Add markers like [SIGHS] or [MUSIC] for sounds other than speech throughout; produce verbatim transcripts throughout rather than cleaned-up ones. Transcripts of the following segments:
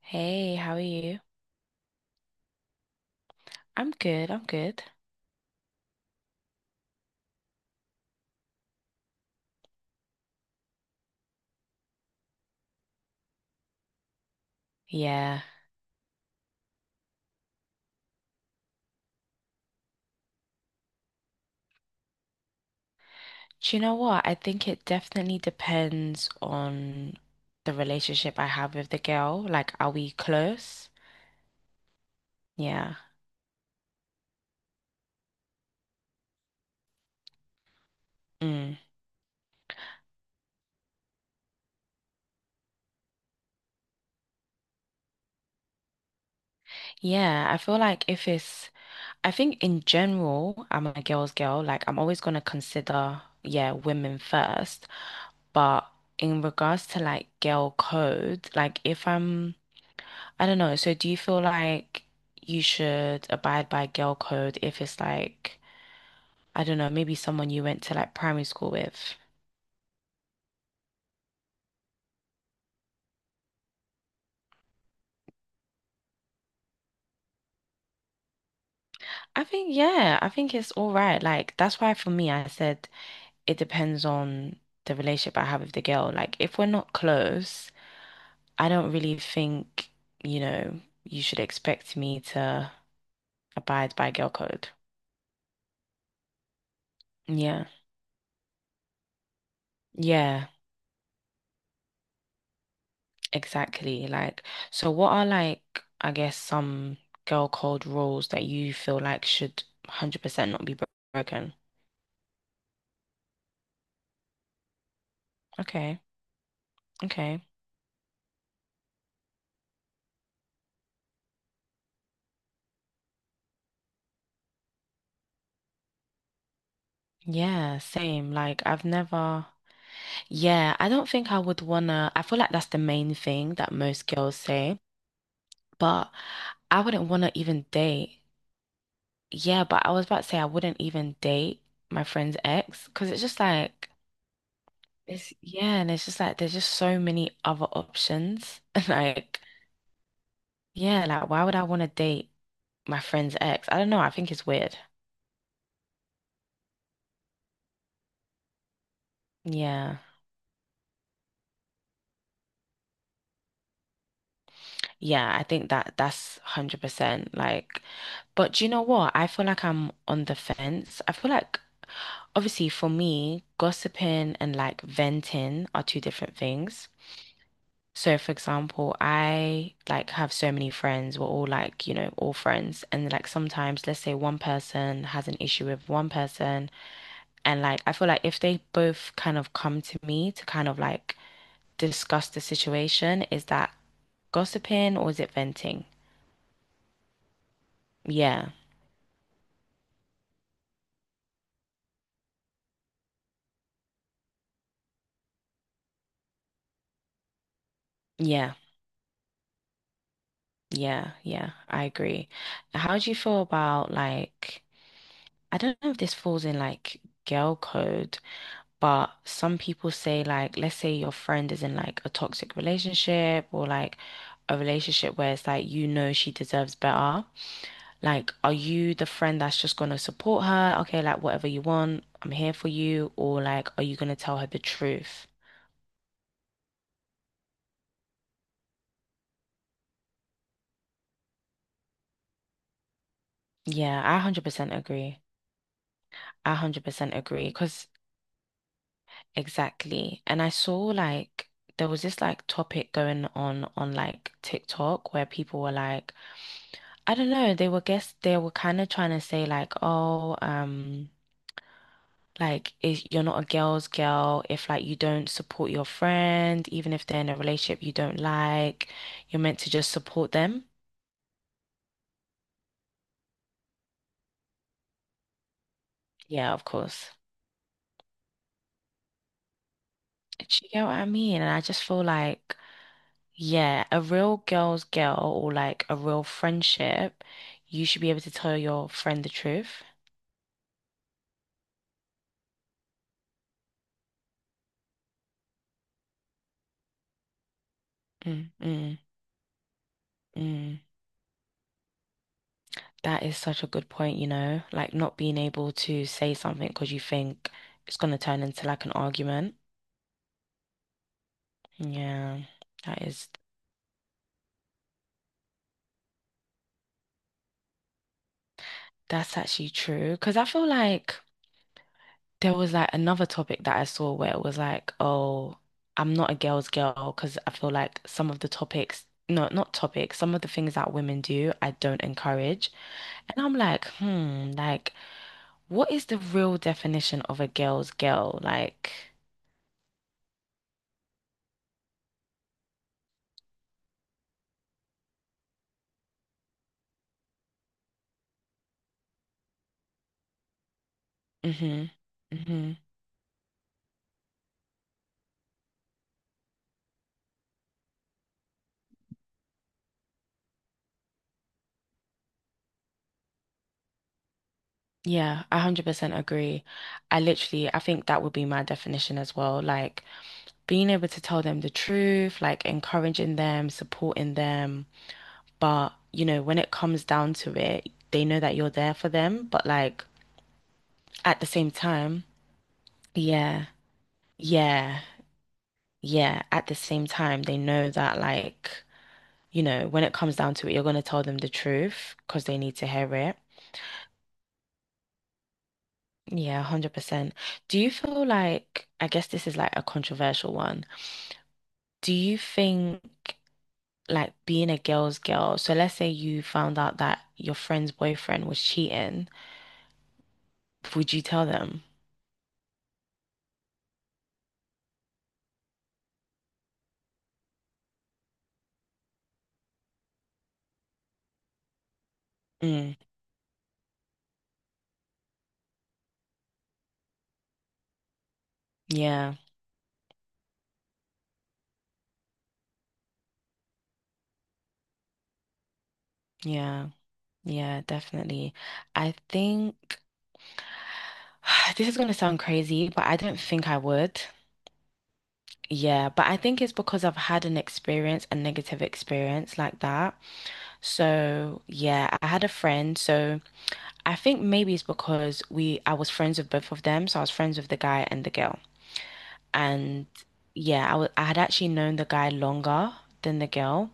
Hey, how are you? I'm good, I'm good. Yeah. Do you know what? I think it definitely depends on the relationship I have with the girl. Like, are we close? Yeah. Mm. Yeah, I feel like if it's, I think in general, I'm a girl's girl. Like, I'm always gonna consider, yeah, women first. But in regards to like girl code, like if I'm, I don't know. So do you feel like you should abide by girl code if it's like I don't know, maybe someone you went to like primary school with. I think, yeah, I think it's all right. Like, that's why for me, I said it depends on the relationship I have with the girl. Like, if we're not close, I don't really think, you know, you should expect me to abide by girl code. Yeah. Yeah, exactly. Like, so what are like, I guess, some girl code rules that you feel like should one hundred percent not be bro- broken? Okay. Okay. Yeah, same. Like I've never, yeah, I don't think I would wanna, I feel like that's the main thing that most girls say, but I wouldn't wanna even date. Yeah, but I was about to say I wouldn't even date my friend's ex because it's just like, it's, yeah, and it's just like there's just so many other options. [LAUGHS] Like, yeah, like why would I wanna date my friend's ex? I don't know. I think it's weird. Yeah. Yeah, I think that that's one hundred percent like but do you know what? I feel like I'm on the fence. I feel like obviously for me, gossiping and like venting are two different things. So for example, I like have so many friends. We're all like, you know, all friends. And like sometimes let's say one person has an issue with one person and like I feel like if they both kind of come to me to kind of like discuss the situation, is that gossiping or is it venting? Yeah. Yeah. Yeah, yeah, I agree. How do you feel about like I don't know if this falls in like girl code, but some people say like let's say your friend is in like a toxic relationship or like a relationship where it's like you know she deserves better. Like are you the friend that's just gonna support her? Okay, like whatever you want, I'm here for you, or like are you gonna tell her the truth? Yeah, I one hundred percent agree. I one hundred percent agree. Exactly. And I saw like there was this like topic going on on like TikTok where people were like, I don't know, they were guess they were kind of trying to say like, oh, um, like if you're not a girl's girl if like you don't support your friend, even if they're in a relationship you don't like, you're meant to just support them. Yeah, of course. Do you get what I mean? And I just feel like, yeah, a real girl's girl or like a real friendship, you should be able to tell your friend the truth. Mm, mm, mm. That is such a good point, you know, like not being able to say something because you think it's going to turn into like an argument. Yeah, that is, that's actually true. Because I feel like there was like another topic that I saw where it was like, oh, I'm not a girl's girl because I feel like some of the topics, no, not topics, some of the things that women do, I don't encourage. And I'm like, hmm, like, what is the real definition of a girl's girl? Like, hmm. Hmm. Yeah, I one hundred percent agree. I literally, I think that would be my definition as well. Like, being able to tell them the truth, like, encouraging them, supporting them. But, you know, when it comes down to it, they know that you're there for them. But like at the same time, yeah, yeah, yeah. At the same time, they know that like, you know, when it comes down to it, you're gonna tell them the truth because they need to hear it. Yeah, one hundred percent. Do you feel like, I guess this is like a controversial one. Do you think like being a girl's girl, so let's say you found out that your friend's boyfriend was cheating, would you tell them? Mm, yeah, yeah. Yeah, definitely. I think [SIGHS] this is going to sound crazy, but I don't think I would. Yeah, but I think it's because I've had an experience, a negative experience like that. So, yeah, I had a friend. So, I think maybe it's because we I was friends with both of them. So, I was friends with the guy and the girl. And yeah, I wa- I had actually known the guy longer than the girl.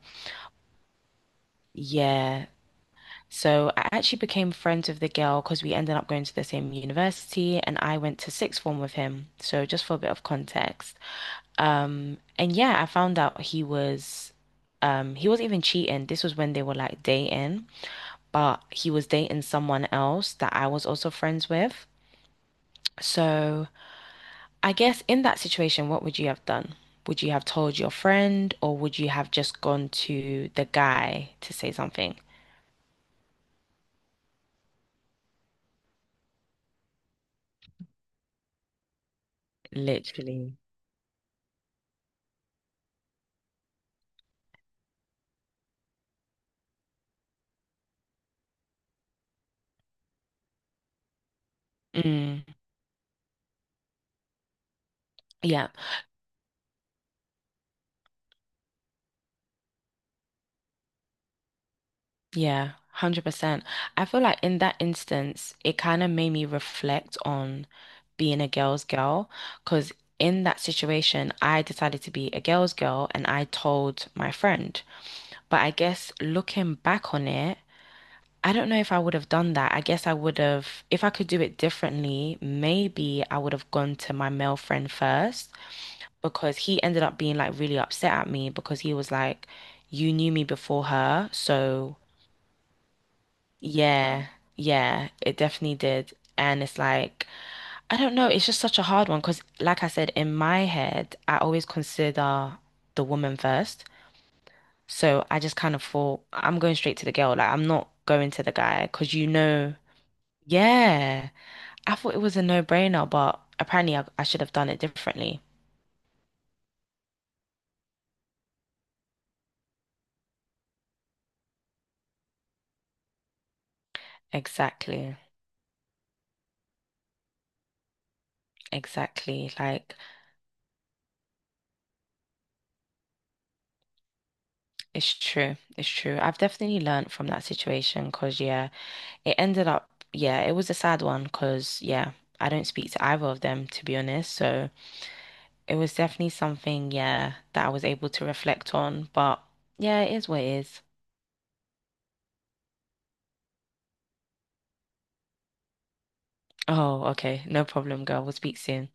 Yeah. So I actually became friends with the girl because we ended up going to the same university and I went to sixth form with him. So just for a bit of context. Um, and yeah, I found out he was um he wasn't even cheating. This was when they were like dating, but he was dating someone else that I was also friends with. So I guess in that situation, what would you have done? Would you have told your friend or would you have just gone to the guy to say something? Literally. Mm, yeah. Yeah, one hundred percent. I feel like in that instance, it kind of made me reflect on being a girl's girl because in that situation, I decided to be a girl's girl and I told my friend. But I guess looking back on it, I don't know if I would have done that. I guess I would have, if I could do it differently, maybe I would have gone to my male friend first because he ended up being like really upset at me because he was like, you knew me before her, so. Yeah, yeah, it definitely did. And it's like, I don't know, it's just such a hard one because, like I said, in my head, I always consider the woman first. So I just kind of thought, I'm going straight to the girl. Like, I'm not going to the guy because, you know, yeah, I thought it was a no-brainer, but apparently I, I should have done it differently. Exactly, exactly. Like, it's true, it's true. I've definitely learned from that situation because, yeah. It ended up, yeah, it was a sad one because, yeah, I don't speak to either of them, to be honest. So it was definitely something, yeah, that I was able to reflect on. But yeah, it is what it is. Oh, okay. No problem, girl. We'll speak soon.